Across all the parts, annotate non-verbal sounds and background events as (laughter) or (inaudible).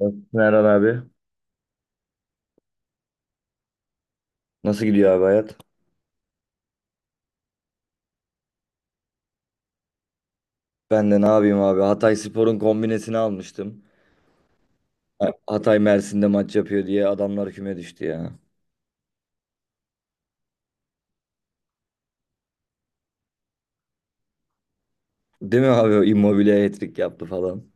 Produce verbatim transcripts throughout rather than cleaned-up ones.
Nasılsın Erhan abi? Nasıl gidiyor abi hayat? Ben de ne yapayım abi? Hatay Spor'un kombinesini almıştım. Ha- Hatay Mersin'de maç yapıyor diye adamlar küme düştü ya. Değil mi abi? O Immobile hat-trick yaptı falan.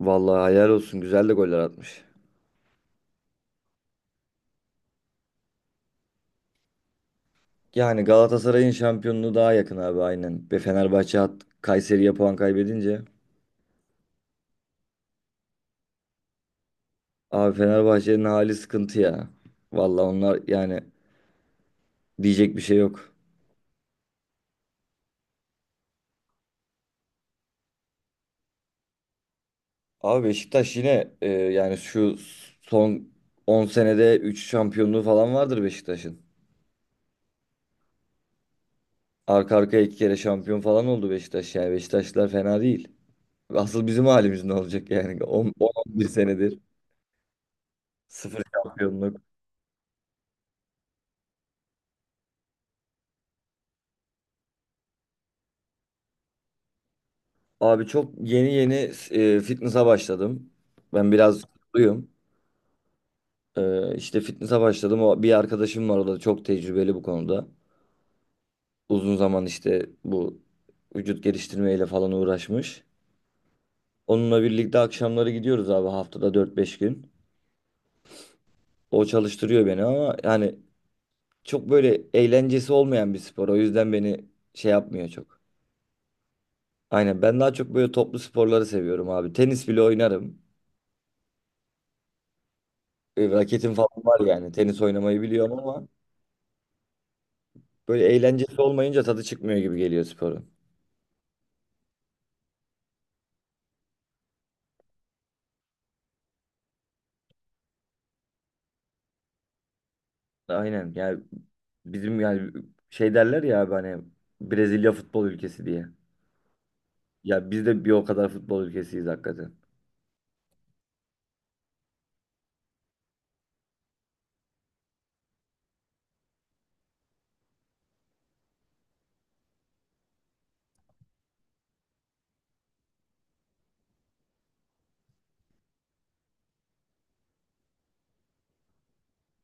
Vallahi hayal olsun. Güzel de goller atmış. Yani Galatasaray'ın şampiyonluğu daha yakın abi aynen. Ve Fenerbahçe hat Kayseri'ye puan kaybedince. Abi Fenerbahçe'nin hali sıkıntı ya. Vallahi onlar yani diyecek bir şey yok. Abi Beşiktaş yine e, yani şu son on senede üç şampiyonluğu falan vardır Beşiktaş'ın. Arka arkaya iki kere şampiyon falan oldu Beşiktaş yani. Beşiktaşlılar fena değil. Asıl bizim halimiz ne olacak yani (laughs) on on bir senedir sıfır şampiyonluk. Abi çok yeni yeni e, fitness'a başladım. Ben biraz kutluyum. E, işte fitness'a başladım. O, bir arkadaşım var, o da çok tecrübeli bu konuda. Uzun zaman işte bu vücut geliştirmeyle falan uğraşmış. Onunla birlikte akşamları gidiyoruz abi, haftada dört beş gün. O çalıştırıyor beni ama yani çok böyle eğlencesi olmayan bir spor. O yüzden beni şey yapmıyor çok. Aynen, ben daha çok böyle toplu sporları seviyorum abi. Tenis bile oynarım. E, Raketim falan var yani. Tenis oynamayı biliyorum ama böyle eğlencesi olmayınca tadı çıkmıyor gibi geliyor sporun. Aynen yani bizim yani şey derler ya abi hani, Brezilya futbol ülkesi diye. Ya biz de bir o kadar futbol ülkesiyiz hakikaten.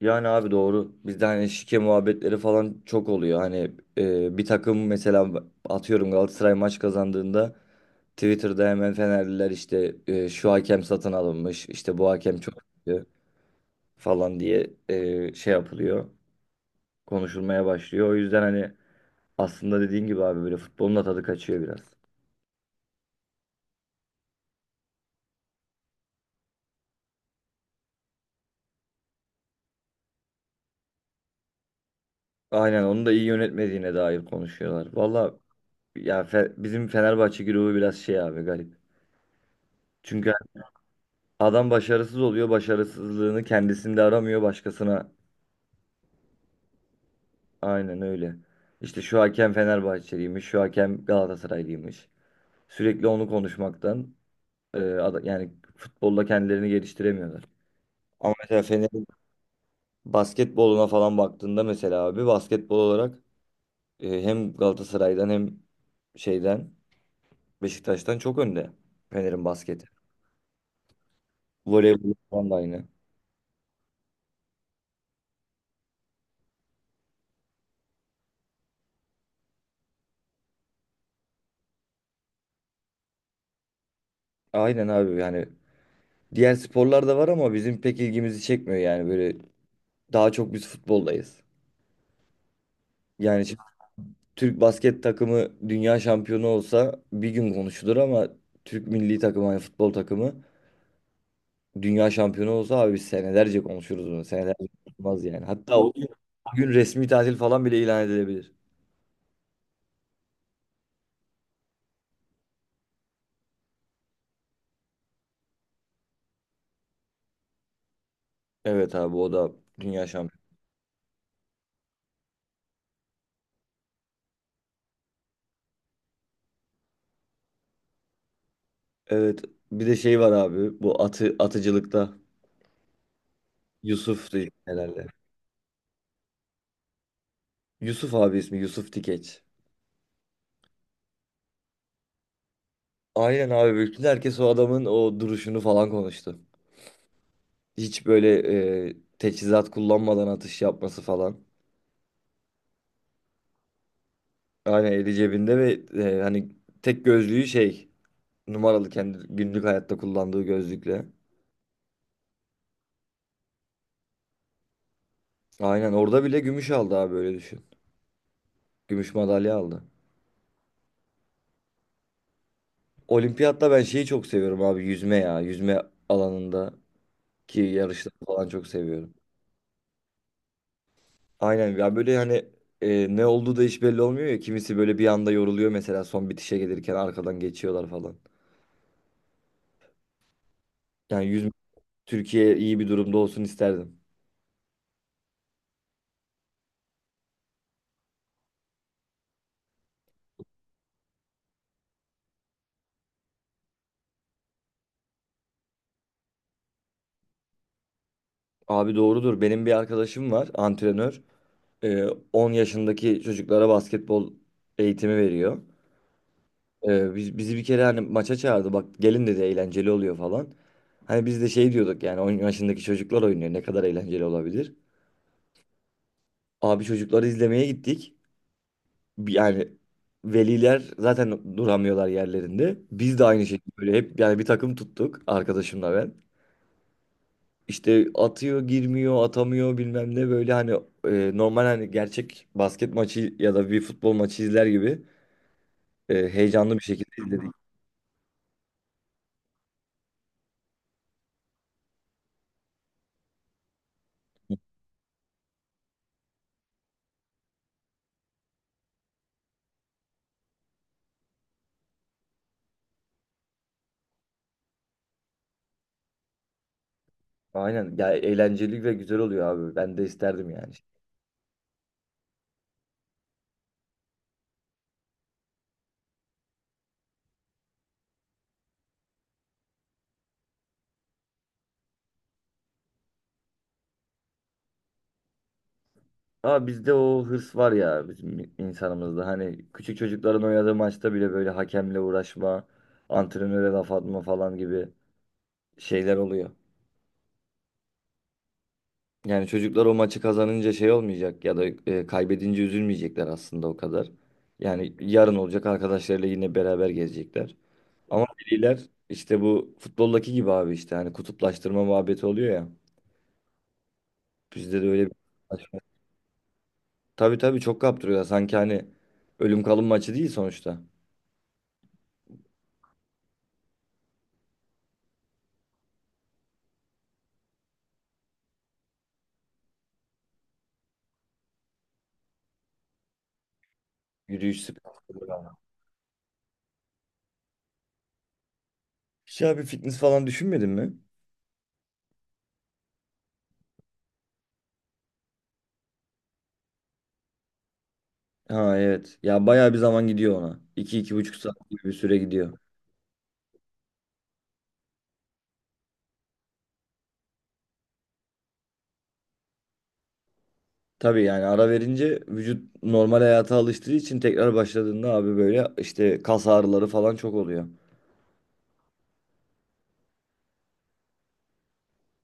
Yani abi doğru. Bizde hani şike muhabbetleri falan çok oluyor. Hani e, bir takım mesela, atıyorum Galatasaray maç kazandığında Twitter'da hemen Fenerliler işte e, şu hakem satın alınmış, işte bu hakem çok kötü falan diye e, şey yapılıyor. Konuşulmaya başlıyor. O yüzden hani aslında dediğin gibi abi böyle futbolun da tadı kaçıyor biraz. Aynen, onu da iyi yönetmediğine dair konuşuyorlar. Valla ya Fe- bizim Fenerbahçe grubu biraz şey abi, garip. Çünkü Adam başarısız oluyor. Başarısızlığını kendisinde aramıyor, başkasına. Aynen öyle. İşte şu hakem Fenerbahçeliymiş, şu hakem Galatasaraylıymış. Sürekli onu konuşmaktan e, ada- yani futbolda kendilerini geliştiremiyorlar. Ama mesela Fener'in basketboluna falan baktığında mesela abi, basketbol olarak e, hem Galatasaray'dan hem şeyden Beşiktaş'tan çok önde Fener'in basketi. Voleybol falan da aynı. Aynen abi yani diğer sporlar da var ama bizim pek ilgimizi çekmiyor yani, böyle Daha çok biz futboldayız. Yani şimdi Türk basket takımı dünya şampiyonu olsa bir gün konuşulur ama Türk milli takımı, yani futbol takımı dünya şampiyonu olsa abi biz senelerce konuşuruz bunu. Senelerce konuşulmaz yani. Hatta o gün, o gün resmi tatil falan bile ilan edilebilir. Evet abi, o da dünya şampiyonu. Evet, bir de şey var abi, bu atı, atıcılıkta Yusuf Yusuf'tu herhalde. Yusuf abi, ismi Yusuf Tikeç. Aynen abi, bütün herkes o adamın o duruşunu falan konuştu. Hiç böyle e, teçhizat kullanmadan atış yapması falan. Aynen, eli cebinde ve e, hani tek gözlüğü, şey, numaralı, kendi günlük hayatta kullandığı gözlükle. Aynen, orada bile gümüş aldı abi, böyle düşün. Gümüş madalya aldı. Olimpiyatta ben şeyi çok seviyorum abi, yüzme ya. Yüzme alanında ki yarışları falan çok seviyorum. Aynen ya, böyle hani e, ne olduğu da hiç belli olmuyor ya. Kimisi böyle bir anda yoruluyor mesela, son bitişe gelirken arkadan geçiyorlar falan. Yani yüzme Türkiye iyi bir durumda olsun isterdim. Abi doğrudur. Benim bir arkadaşım var, antrenör. Ee, on yaşındaki çocuklara basketbol eğitimi veriyor. Ee, biz, bizi bir kere hani maça çağırdı. Bak, gelin dedi, eğlenceli oluyor falan. Hani biz de şey diyorduk yani, on yaşındaki çocuklar oynuyor, ne kadar eğlenceli olabilir. Abi, çocukları izlemeye gittik. Bir- Yani veliler zaten duramıyorlar yerlerinde. Biz de aynı şekilde böyle, hep yani bir takım tuttuk arkadaşımla ben. İşte atıyor, girmiyor, atamıyor, bilmem ne, böyle hani e, normal hani, gerçek basket maçı ya da bir futbol maçı izler gibi e, heyecanlı bir şekilde izledik. Aynen ya, eğlenceli ve güzel oluyor abi. Ben de isterdim yani. Ama bizde o hırs var ya, bizim insanımızda. Hani küçük çocukların oynadığı maçta bile böyle hakemle uğraşma, antrenöre laf atma falan gibi şeyler oluyor. Yani çocuklar o maçı kazanınca şey olmayacak ya da e, kaybedince üzülmeyecekler aslında o kadar. Yani yarın olacak, arkadaşlarıyla yine beraber gezecekler. Ama veliler işte bu futboldaki gibi abi, işte hani kutuplaştırma muhabbeti oluyor ya. Bizde de öyle bir. Tabii tabii, çok kaptırıyorlar. Sanki hani ölüm kalım maçı değil sonuçta. Yürüyüş spor. Hiç abi, fitness falan düşünmedin mi? Ha evet. Ya bayağı bir zaman gidiyor ona. iki iki buçuk saat gibi bir süre gidiyor. Tabii yani, ara verince vücut normal hayata alıştığı için tekrar başladığında abi böyle işte kas ağrıları falan çok oluyor.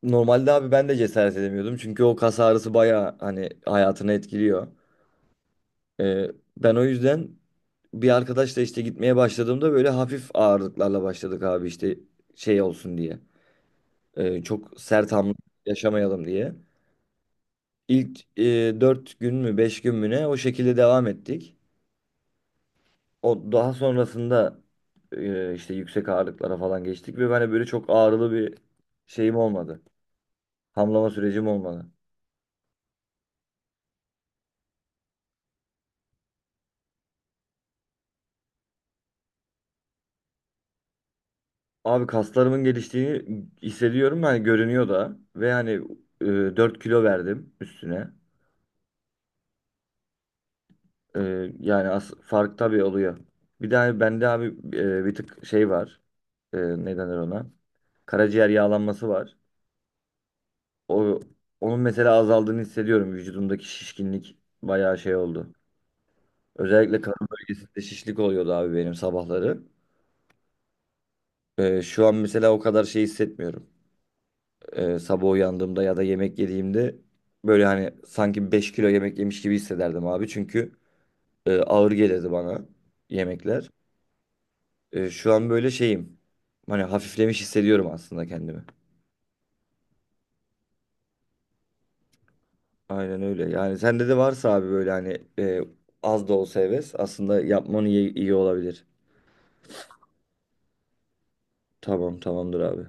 Normalde abi ben de cesaret edemiyordum. Çünkü o kas ağrısı bayağı hani hayatını etkiliyor. Ee, ben o yüzden bir arkadaşla işte gitmeye başladığımda böyle hafif ağırlıklarla başladık abi, işte şey olsun diye. Ee, çok sert hamle yaşamayalım diye. İlk e, dört gün mü, beş gün mü ne, o şekilde devam ettik. O daha sonrasında e, işte yüksek ağırlıklara falan geçtik ve ben de böyle çok ağrılı bir şeyim olmadı. Hamlama sürecim olmadı. Abi kaslarımın geliştiğini hissediyorum, yani görünüyor da, ve hani e, dört kilo verdim üstüne. E, yani as fark tabii oluyor. Bir de hani bende abi e, bir tık şey var. E, ne denir ona? Karaciğer yağlanması var. O onun mesela azaldığını hissediyorum. Vücudumdaki şişkinlik bayağı şey oldu. Özellikle karın bölgesinde şişlik oluyordu abi benim, sabahları. E, şu an mesela o kadar şey hissetmiyorum. Ee, sabah uyandığımda ya da yemek yediğimde böyle hani sanki beş kilo yemek yemiş gibi hissederdim abi. Çünkü e, ağır gelirdi bana yemekler. E, şu an böyle şeyim. Hani hafiflemiş hissediyorum aslında kendimi. Aynen öyle. Yani sende de varsa abi böyle hani e, az da olsa heves, aslında yapmanı iyi, iyi olabilir. Tamam tamamdır abi.